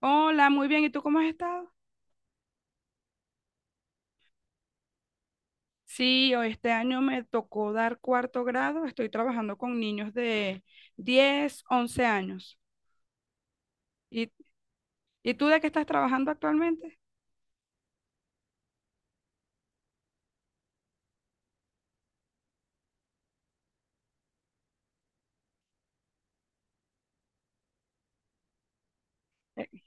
Hola, muy bien. ¿Y tú cómo has estado? Sí, hoy este año me tocó dar cuarto grado. Estoy trabajando con niños de 10, 11 años. ¿Y, y tú de qué estás trabajando actualmente? Eh,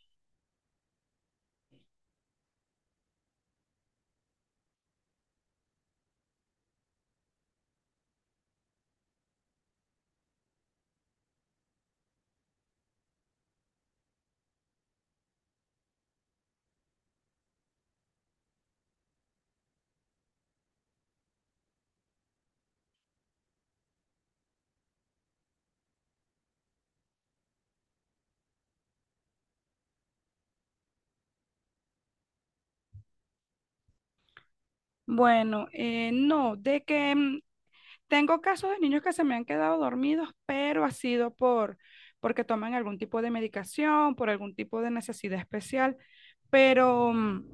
Bueno, no, tengo casos de niños que se me han quedado dormidos, pero ha sido porque toman algún tipo de medicación, por algún tipo de necesidad especial, pero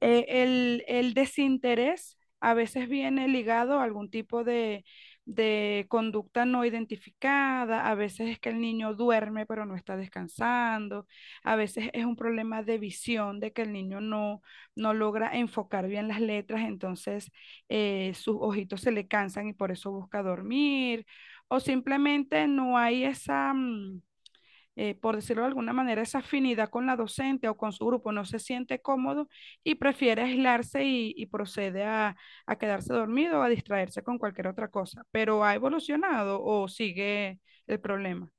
el desinterés a veces viene ligado a algún tipo de conducta no identificada. A veces es que el niño duerme pero no está descansando, a veces es un problema de visión de que el niño no logra enfocar bien las letras. Entonces sus ojitos se le cansan y por eso busca dormir, o simplemente no hay por decirlo de alguna manera, esa afinidad con la docente o con su grupo. No se siente cómodo y prefiere aislarse, y procede a quedarse dormido o a distraerse con cualquier otra cosa. ¿Pero ha evolucionado o sigue el problema?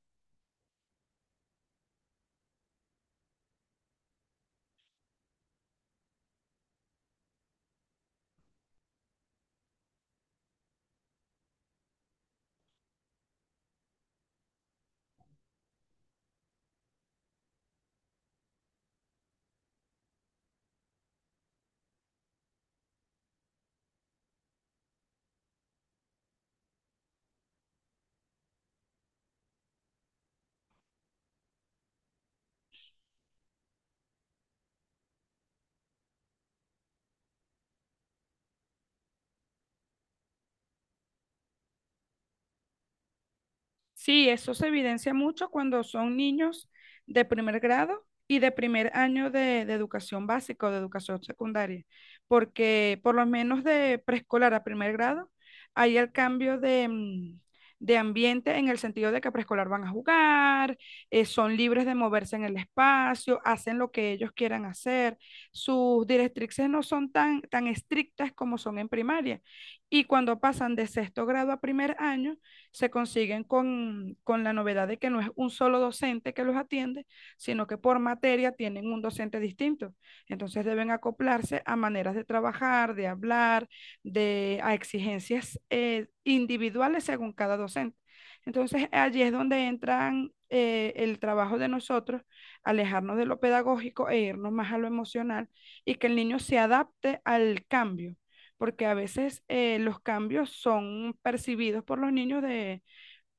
Sí, eso se evidencia mucho cuando son niños de primer grado y de primer año de educación básica o de educación secundaria, porque por lo menos de preescolar a primer grado hay el cambio de ambiente, en el sentido de que preescolar van a jugar, son libres de moverse en el espacio, hacen lo que ellos quieran hacer. Sus directrices no son tan estrictas como son en primaria. Y cuando pasan de sexto grado a primer año, se consiguen con la novedad de que no es un solo docente que los atiende, sino que por materia tienen un docente distinto. Entonces deben acoplarse a maneras de trabajar, de hablar, a exigencias individuales según cada docente. Entonces, allí es donde entran el trabajo de nosotros, alejarnos de lo pedagógico e irnos más a lo emocional, y que el niño se adapte al cambio, porque a veces los cambios son percibidos por los niños de,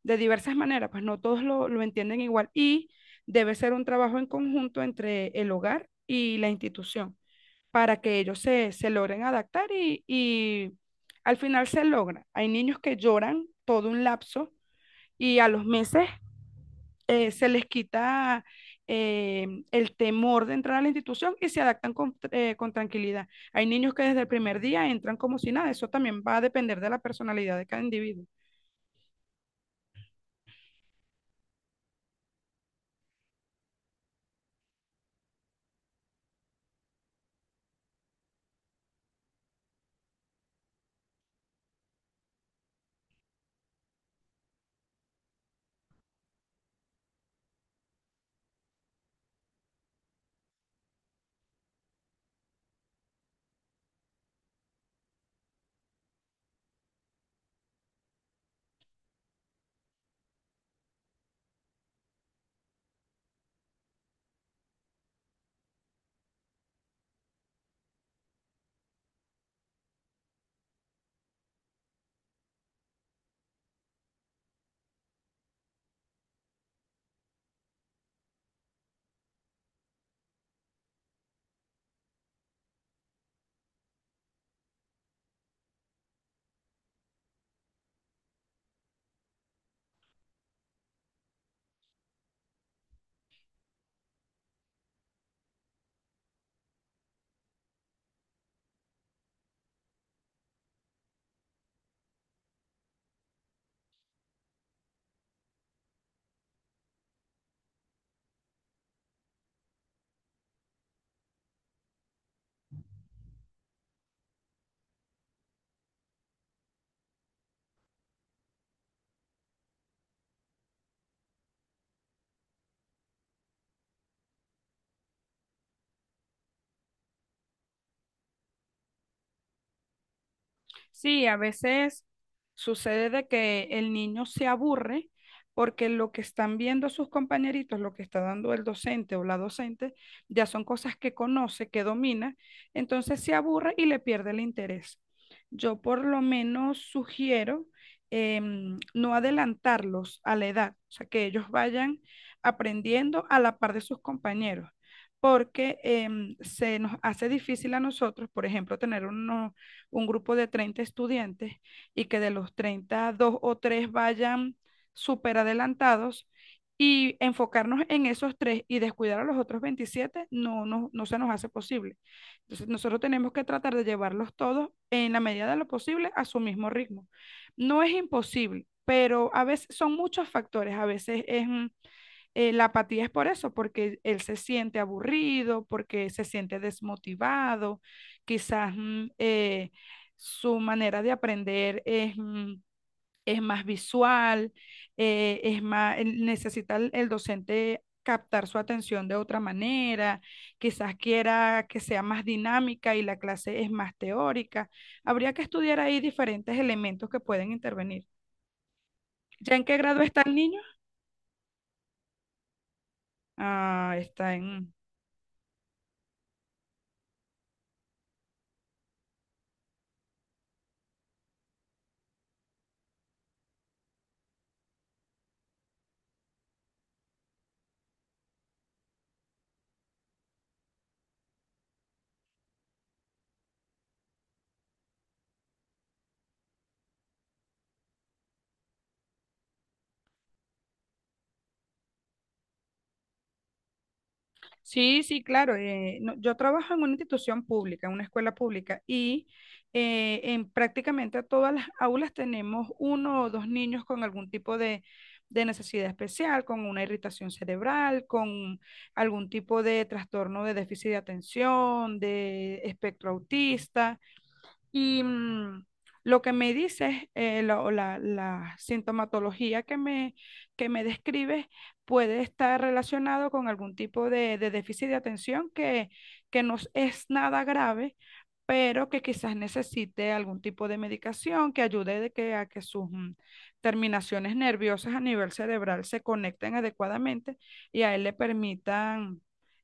de diversas maneras. Pues no todos lo entienden igual y debe ser un trabajo en conjunto entre el hogar y la institución para que ellos se logren adaptar, y al final se logra. Hay niños que lloran todo un lapso y a los meses se les quita el temor de entrar a la institución y se adaptan con tranquilidad. Hay niños que desde el primer día entran como si nada. Eso también va a depender de la personalidad de cada individuo. Sí, a veces sucede de que el niño se aburre porque lo que están viendo sus compañeritos, lo que está dando el docente o la docente, ya son cosas que conoce, que domina. Entonces se aburre y le pierde el interés. Yo por lo menos sugiero no adelantarlos a la edad, o sea, que ellos vayan aprendiendo a la par de sus compañeros, porque se nos hace difícil a nosotros, por ejemplo, tener unos un grupo de 30 estudiantes y que de los 30 dos o tres vayan súper adelantados, y enfocarnos en esos tres y descuidar a los otros 27, no, no, no se nos hace posible. Entonces, nosotros tenemos que tratar de llevarlos todos en la medida de lo posible a su mismo ritmo. No es imposible, pero a veces son muchos factores. A veces la apatía es por eso, porque él se siente aburrido, porque se siente desmotivado. Quizás su manera de aprender es más visual. Necesita el docente captar su atención de otra manera, quizás quiera que sea más dinámica y la clase es más teórica. Habría que estudiar ahí diferentes elementos que pueden intervenir. ¿Ya en qué grado está el niño? Ah, está en... Sí, sí, claro. Yo trabajo en una institución pública, en una escuela pública, y en prácticamente todas las aulas tenemos uno o dos niños con algún tipo de necesidad especial, con una irritación cerebral, con algún tipo de trastorno de déficit de atención, de espectro autista. Y lo que me dices, la sintomatología que me describes puede estar relacionado con algún tipo de déficit de atención que no es nada grave, pero que quizás necesite algún tipo de medicación que ayude de que, a que sus terminaciones nerviosas a nivel cerebral se conecten adecuadamente y a él le permitan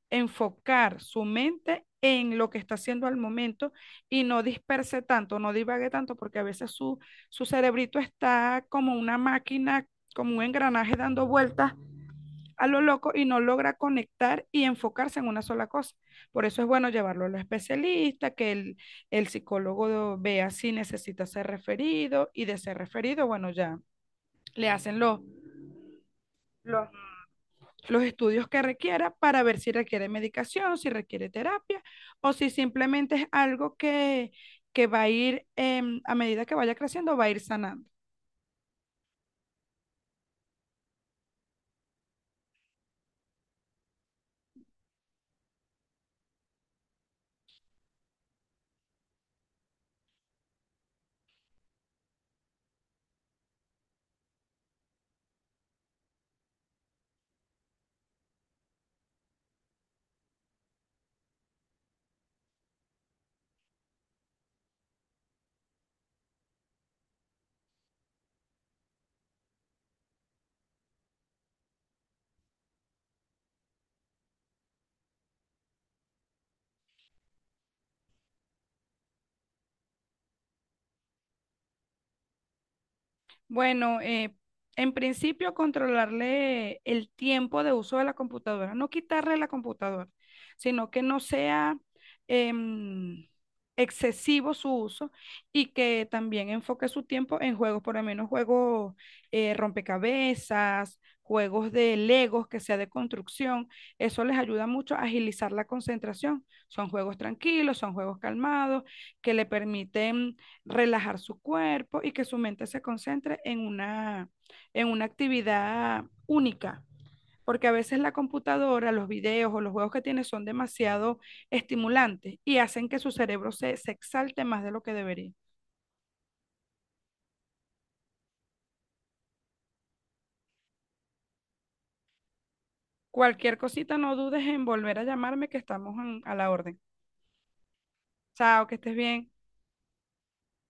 enfocar su mente en lo que está haciendo al momento, y no disperse tanto, no divague tanto, porque a veces su cerebrito está como una máquina, como un engranaje dando vueltas a lo loco, y no logra conectar y enfocarse en una sola cosa. Por eso es bueno llevarlo a los especialistas, que el psicólogo vea si necesita ser referido, y de ser referido, bueno, ya le hacen los los estudios que requiera para ver si requiere medicación, si requiere terapia, o si simplemente es algo que va a ir a medida que vaya creciendo, va a ir sanando. Bueno, en principio controlarle el tiempo de uso de la computadora, no quitarle la computadora, sino que no sea em, excesivo su uso, y que también enfoque su tiempo en juegos, por lo menos juegos rompecabezas, juegos de Legos que sea de construcción. Eso les ayuda mucho a agilizar la concentración. Son juegos tranquilos, son juegos calmados, que le permiten relajar su cuerpo y que su mente se concentre en una actividad única, porque a veces la computadora, los videos o los juegos que tiene son demasiado estimulantes, y hacen que su cerebro se exalte más de lo que debería. Cualquier cosita, no dudes en volver a llamarme, que estamos a la orden. Chao, que estés bien.